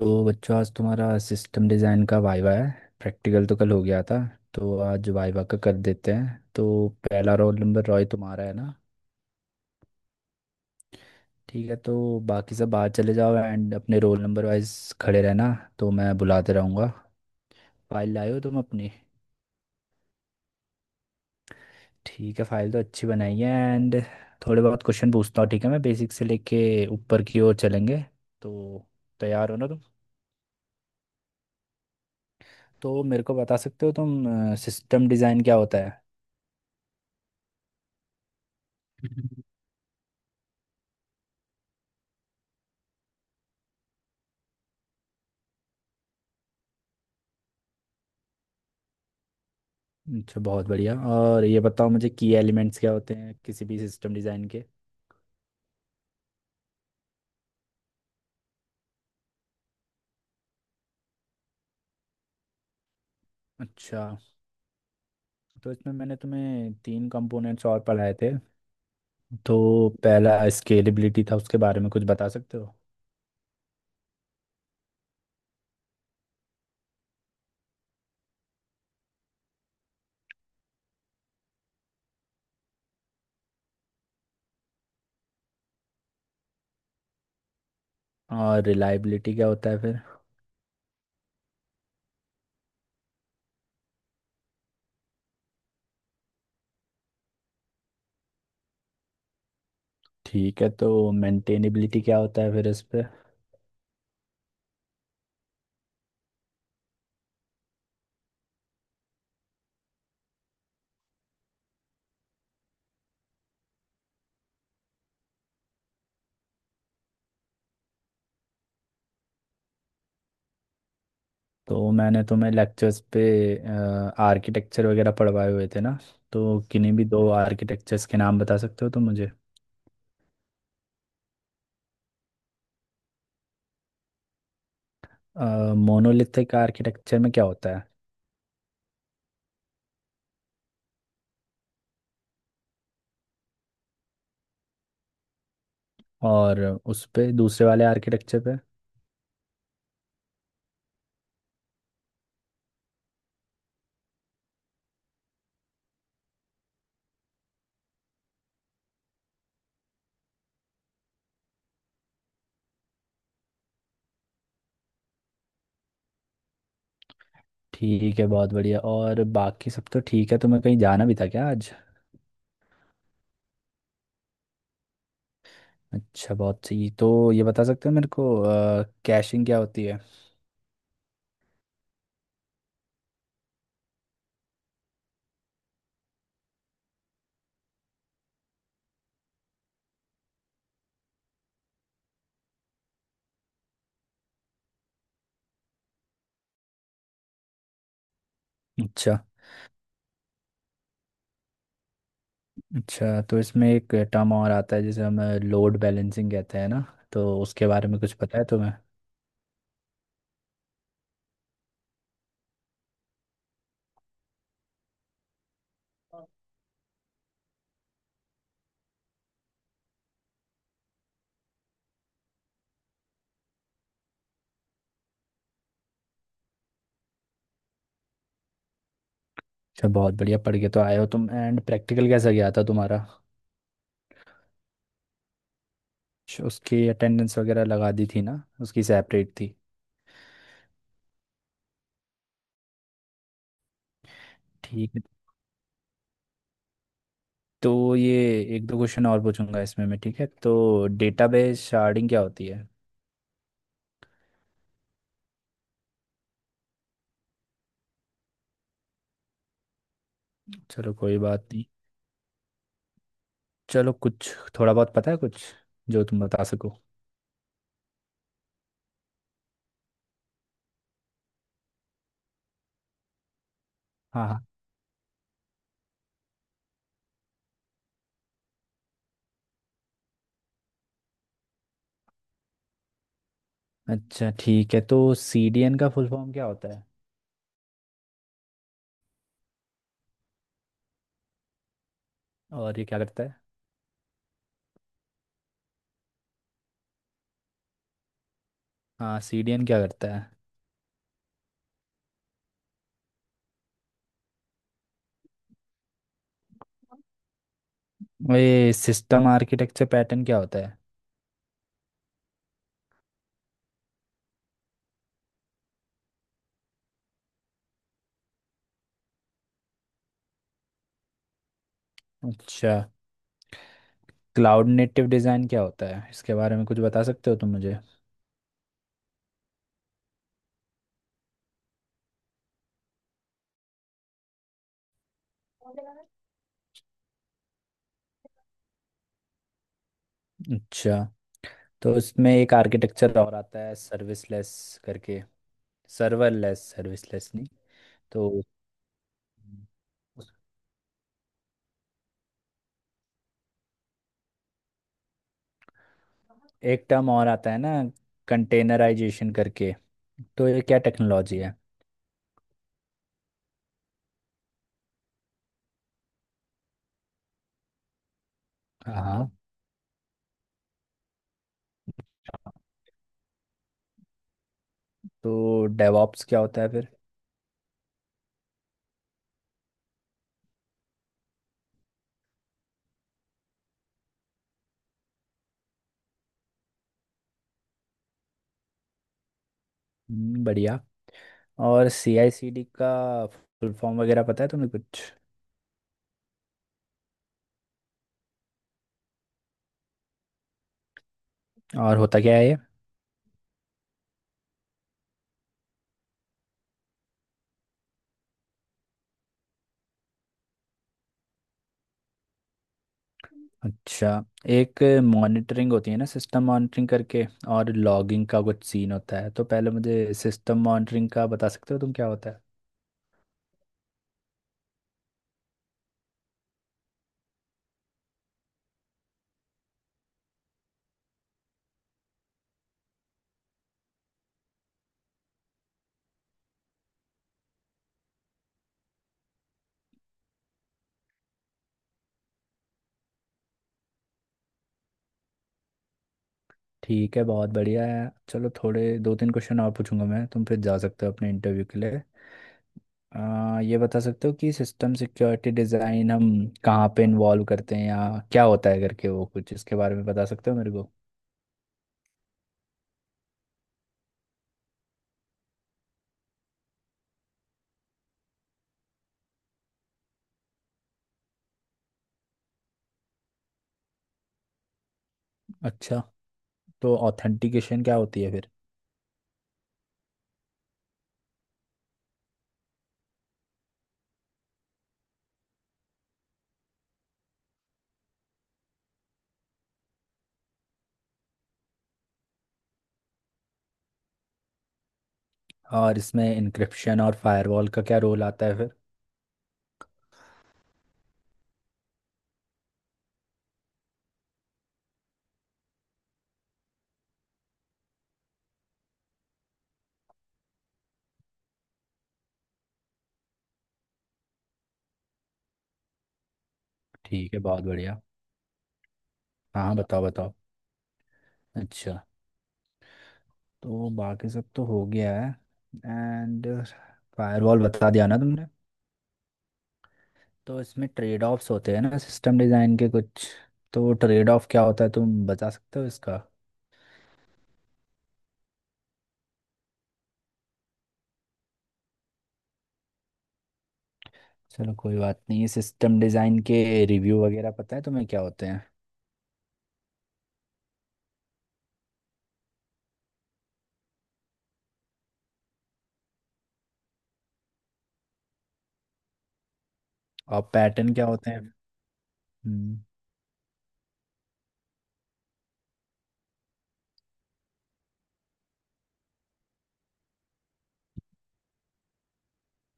तो बच्चों आज तुम्हारा सिस्टम डिज़ाइन का वाइवा है। प्रैक्टिकल तो कल हो गया था। तो आज वाइवा का कर देते हैं। तो पहला रोल नंबर रॉय तुम्हारा है ना। ठीक है। तो बाकी सब बाहर चले जाओ एंड अपने रोल नंबर वाइज खड़े रहना। तो मैं बुलाते रहूँगा। फाइल लाए हो तुम अपनी। ठीक है, फाइल तो अच्छी बनाई है। एंड थोड़े बहुत क्वेश्चन पूछता हूँ, ठीक है। मैं बेसिक से लेके ऊपर की ओर चलेंगे। तो तैयार हो ना तुम। तो मेरे को बता सकते हो तुम, सिस्टम डिज़ाइन क्या होता है। अच्छा, बहुत बढ़िया। और ये बताओ मुझे की एलिमेंट्स क्या होते हैं किसी भी सिस्टम डिज़ाइन के। अच्छा, तो इसमें मैंने तुम्हें तीन कंपोनेंट्स और पढ़ाए थे। तो पहला स्केलेबिलिटी था, उसके बारे में कुछ बता सकते हो। और रिलायबिलिटी क्या होता है फिर। ठीक है, तो मेंटेनेबिलिटी क्या होता है फिर इस पे। तो मैंने तुम्हें लेक्चर्स पे आर्किटेक्चर वगैरह पढ़वाए हुए थे ना। तो किन्हीं भी दो आर्किटेक्चर्स के नाम बता सकते हो तो मुझे। मोनोलिथिक आर्किटेक्चर में क्या होता है। और उस पे दूसरे वाले आर्किटेक्चर पे। ठीक है, बहुत बढ़िया। और बाकी सब तो ठीक है, तुम्हें कहीं जाना भी था क्या आज। अच्छा, बहुत सही। तो ये बता सकते हो मेरे को, कैशिंग क्या होती है। अच्छा। अच्छा, तो इसमें एक टर्म और आता है जिसे हम लोड बैलेंसिंग कहते हैं ना। तो उसके बारे में कुछ पता है तुम्हें। अच्छा, बहुत बढ़िया पढ़ के तो आए हो तुम। एंड प्रैक्टिकल कैसा गया था तुम्हारा। उसकी अटेंडेंस वगैरह लगा दी थी ना, उसकी सेपरेट थी। ठीक है। तो ये एक दो क्वेश्चन और पूछूंगा इसमें मैं, ठीक है। तो डेटाबेस शार्डिंग क्या होती है। चलो, कोई बात नहीं। चलो, कुछ थोड़ा बहुत पता है कुछ जो तुम बता सको। हाँ हाँ। अच्छा, ठीक है। तो सीडीएन का फुल फॉर्म क्या होता है। और ये क्या करता है। हाँ, सीडीएन क्या करता है। ये सिस्टम आर्किटेक्चर पैटर्न क्या होता है। अच्छा, क्लाउड नेटिव डिज़ाइन क्या होता है, इसके बारे में कुछ बता सकते हो तुम मुझे। अच्छा, तो इसमें एक आर्किटेक्चर और आता है, सर्विसलेस करके। सर्वरलेस, सर्विसलेस नहीं। तो उस- एक टर्म और आता है ना, कंटेनराइजेशन करके। तो ये क्या टेक्नोलॉजी है। हाँ। तो डेवॉप्स क्या होता है फिर। बढ़िया। और सी आई सी डी का फुल फॉर्म वगैरह पता है तुम्हें कुछ। और होता क्या है ये। अच्छा, एक मॉनिटरिंग होती है ना, सिस्टम मॉनिटरिंग करके। और लॉगिंग का कुछ सीन होता है। तो पहले मुझे सिस्टम मॉनिटरिंग का बता सकते हो तुम, क्या होता है। ठीक है, बहुत बढ़िया है। चलो, थोड़े दो तीन क्वेश्चन और पूछूंगा मैं, तुम फिर जा सकते हो अपने इंटरव्यू के लिए। ये बता सकते हो कि सिस्टम सिक्योरिटी डिज़ाइन हम कहाँ पे इन्वॉल्व करते हैं, या क्या होता है करके, वो कुछ इसके बारे में बता सकते हो मेरे को। अच्छा, तो ऑथेंटिकेशन क्या होती है फिर। और इसमें इंक्रिप्शन और फायरवॉल का क्या रोल आता है फिर। ठीक है, बहुत बढ़िया। हाँ हाँ, बताओ बताओ। अच्छा, तो बाकी सब तो हो गया है। एंड फायरवॉल बता दिया ना तुमने। तो इसमें ट्रेड ऑफ्स होते हैं ना सिस्टम डिज़ाइन के कुछ। तो ट्रेड ऑफ क्या होता है तुम बता सकते हो इसका। चलो, कोई बात नहीं। सिस्टम डिज़ाइन के रिव्यू वगैरह पता है तुम्हें क्या होते हैं। और पैटर्न क्या होते हैं। हम्म,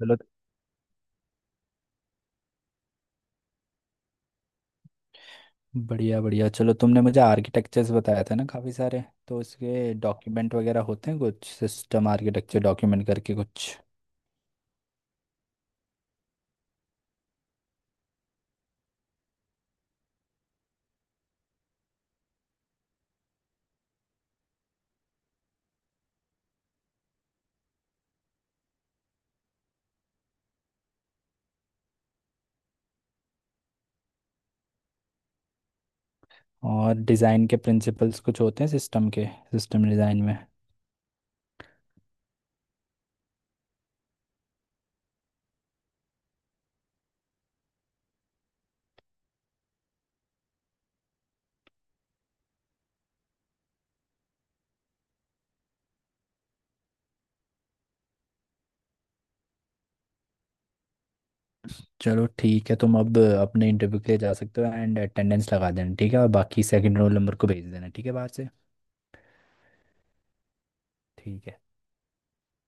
चलो, बढ़िया बढ़िया। चलो, तुमने मुझे आर्किटेक्चर्स बताया था ना काफ़ी सारे। तो इसके डॉक्यूमेंट वगैरह होते हैं कुछ, सिस्टम आर्किटेक्चर डॉक्यूमेंट करके कुछ। और डिज़ाइन के प्रिंसिपल्स कुछ होते हैं सिस्टम के, सिस्टम डिज़ाइन में। चलो ठीक है, तुम अब अपने इंटरव्यू के लिए जा सकते हो। एंड अटेंडेंस लगा देना, ठीक है। और बाकी सेकंड रोल नंबर को भेज देना, ठीक है, बाहर से। ठीक है।